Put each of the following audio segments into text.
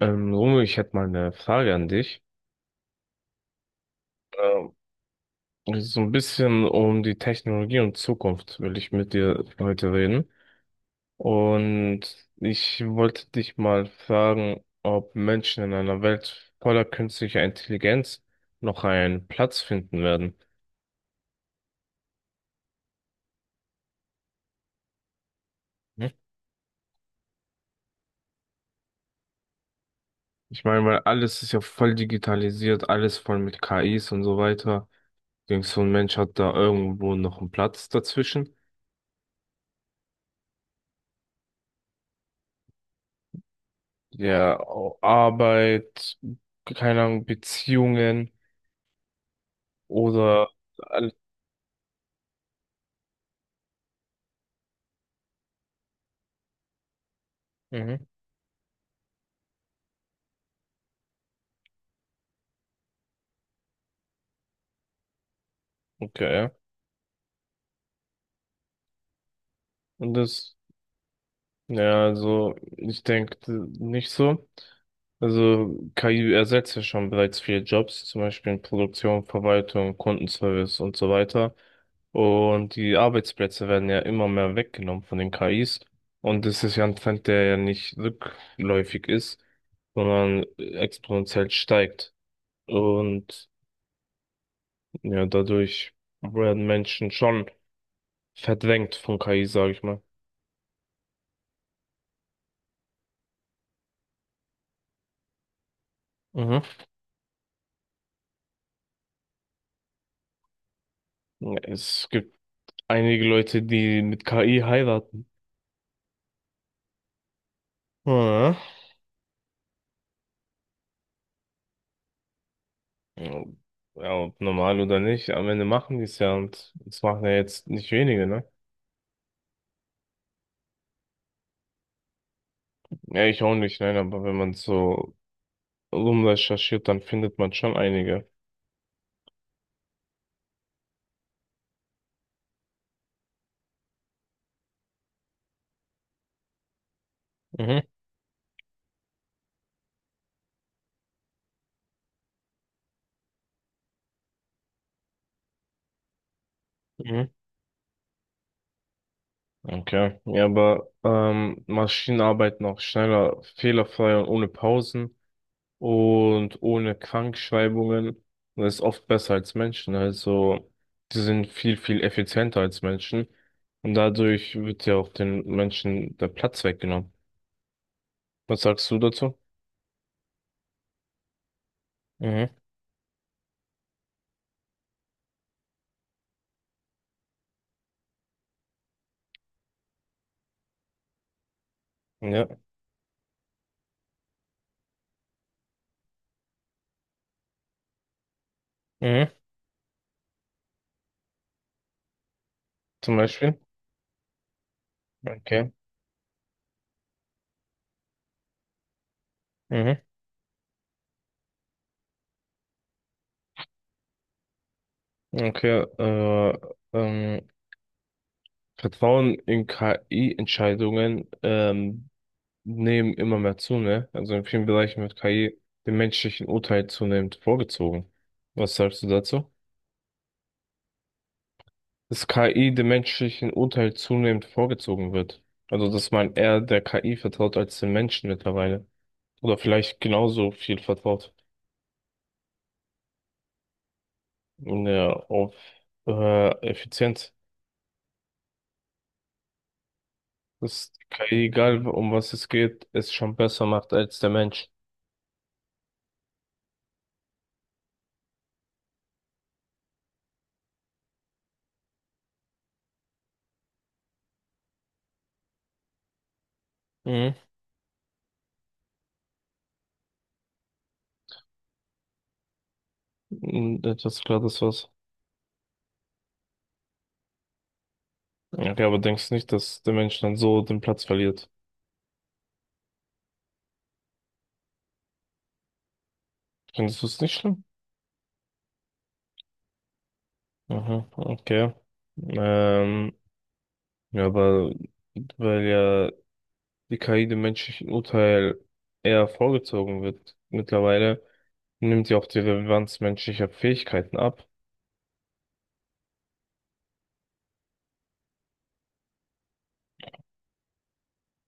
Romeo, ich hätte mal eine Frage an dich. Ähm, Es ist so ein bisschen um die Technologie und Zukunft will ich mit dir heute reden. Und ich wollte dich mal fragen, ob Menschen in einer Welt voller künstlicher Intelligenz noch einen Platz finden werden. Hm? Ich meine, weil alles ist ja voll digitalisiert, alles voll mit KIs und so weiter. Denkst du, ein Mensch hat da irgendwo noch einen Platz dazwischen? Ja, Arbeit, keine Ahnung, Beziehungen oder all- mhm, okay, ja. Und das, ja, also ich denke nicht so. Also KI ersetzt ja schon bereits viele Jobs, zum Beispiel in Produktion, Verwaltung, Kundenservice und so weiter. Und die Arbeitsplätze werden ja immer mehr weggenommen von den KIs. Und das ist ja ein Trend, der ja nicht rückläufig ist, sondern exponentiell steigt. Und ja, dadurch werden Menschen schon verdrängt von KI, sage ich mal. Mhm. Es gibt einige Leute, die mit KI heiraten. Ja. Ja, ob normal oder nicht, am Ende machen die es ja und es machen ja jetzt nicht wenige, ne? Ja, ich auch nicht, nein, aber wenn man so rumrecherchiert, dann findet man schon einige. Mhm. Mhm. Okay. Ja, aber Maschinen arbeiten auch schneller, fehlerfrei und ohne Pausen und ohne Krankschreibungen. Und das ist oft besser als Menschen. Also, die sind viel, viel effizienter als Menschen. Und dadurch wird ja auch den Menschen der Platz weggenommen. Was sagst du dazu? Mhm. Ja. Mhm. Zum Beispiel. Okay. Mhm. Okay. Ähm, Vertrauen in KI-Entscheidungen nehmen immer mehr zu, ne? Also in vielen Bereichen wird KI dem menschlichen Urteil zunehmend vorgezogen. Was sagst du dazu? Dass KI dem menschlichen Urteil zunehmend vorgezogen wird. Also, dass man eher der KI vertraut als den Menschen mittlerweile. Oder vielleicht genauso viel vertraut in der auf Effizienz. Dass die KI, egal um was es geht, es schon besser macht als der Mensch. Mhm. Und etwas klar, das war's. Okay, aber denkst nicht, dass der Mensch dann so den Platz verliert? Findest du es nicht schlimm? Aha, okay. Ähm, ja, aber weil ja die KI dem menschlichen Urteil eher vorgezogen wird. Mittlerweile nimmt sie auch die Relevanz menschlicher Fähigkeiten ab.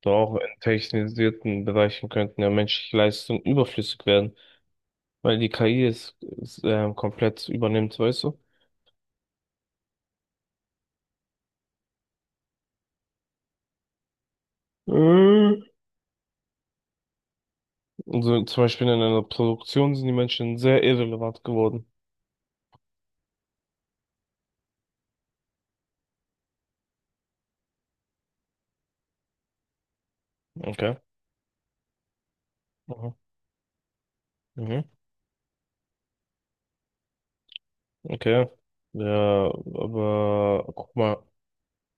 Doch auch in technisierten Bereichen könnten ja menschliche Leistungen überflüssig werden, weil die KI es komplett übernimmt, weißt du? Mhm. Also zum Beispiel in einer Produktion sind die Menschen sehr irrelevant geworden. Okay. Mhm. Mhm. Okay. Ja, aber guck mal.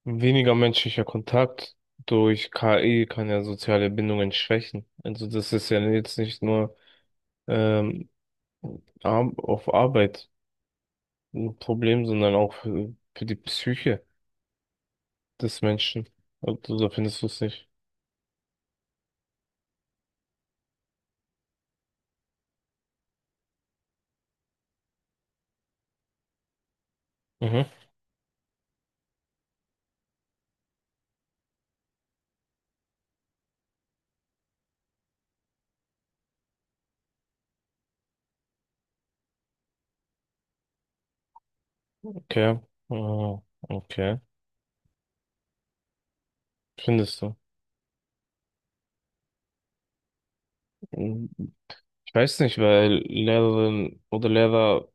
Weniger menschlicher Kontakt durch KI kann ja soziale Bindungen schwächen. Also das ist ja jetzt nicht nur ähm, auf Arbeit ein Problem, sondern auch für die Psyche des Menschen. Also da findest du es nicht. Mhm, okay. Ah, okay. Findest du? Mhm. Ich weiß nicht, weil Lehrerinnen oder Lehrer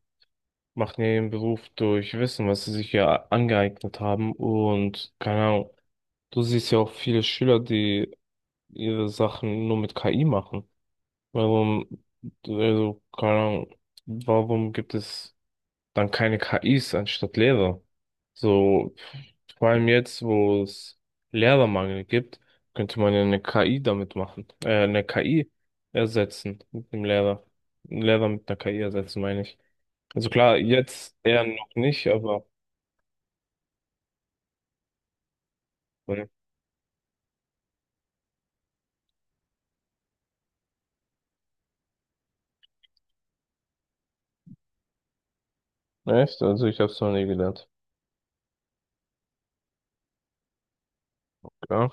machen ja ihren Beruf durch Wissen, was sie sich ja angeeignet haben und keine Ahnung. Du siehst ja auch viele Schüler, die ihre Sachen nur mit KI machen? Warum, also, keine Ahnung, warum gibt es dann keine KIs anstatt Lehrer? So, vor allem jetzt, wo es Lehrermangel gibt, könnte man ja eine KI damit machen, eine KI ersetzen mit dem Lehrer. Einen Lehrer mit einer KI ersetzen, meine ich. Also klar, jetzt eher noch nicht, aber ne. Echt? Also ich habe es noch nie gelernt. Ja,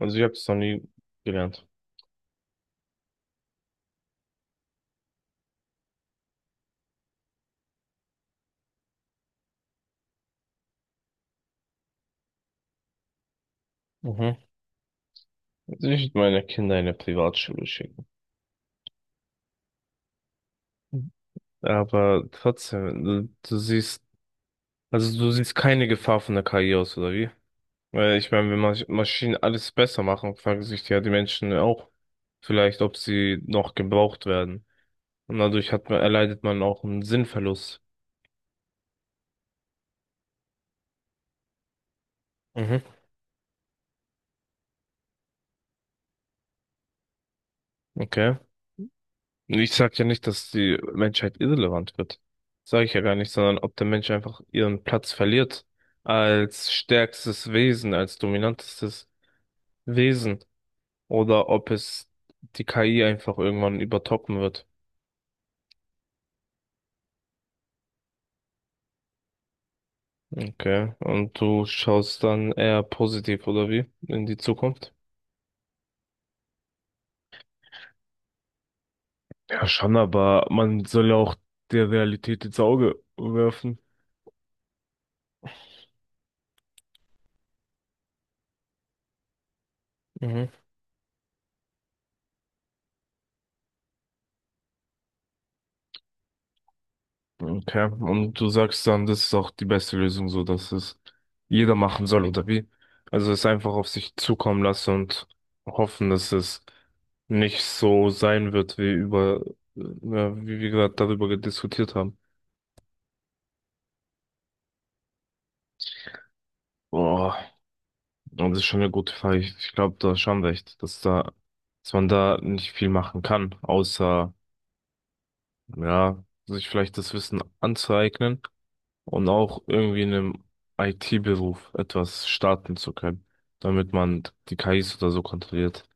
also ich habe es noch nie gelernt. Mhm. Also ich würde meine Kinder in eine Privatschule schicken. Aber trotzdem, du siehst, also du siehst keine Gefahr von der KI aus, oder wie? Weil ich meine, wenn Maschinen alles besser machen, fragen sich ja die Menschen auch vielleicht, ob sie noch gebraucht werden. Und dadurch erleidet man auch einen Sinnverlust. Mhm. Okay. Und ich sag ja nicht, dass die Menschheit irrelevant wird. Sage ich ja gar nicht, sondern ob der Mensch einfach ihren Platz verliert als stärkstes Wesen, als dominantestes Wesen. Oder ob es die KI einfach irgendwann übertoppen wird. Okay. Und du schaust dann eher positiv, oder wie? In die Zukunft? Ja, schon, aber man soll ja auch der Realität ins Auge werfen. Mhm. Okay. Und du sagst dann, das ist auch die beste Lösung, so dass es jeder machen soll, oder wie? Also es einfach auf sich zukommen lassen und hoffen, dass es nicht so sein wird, wie ja, wie wir gerade darüber diskutiert haben. Boah. Und das ist schon eine gute Frage. Ich glaube, du hast schon recht, dass dass man da nicht viel machen kann, außer, ja, sich vielleicht das Wissen anzueignen und auch irgendwie in einem IT-Beruf etwas starten zu können, damit man die KIs oder so kontrolliert.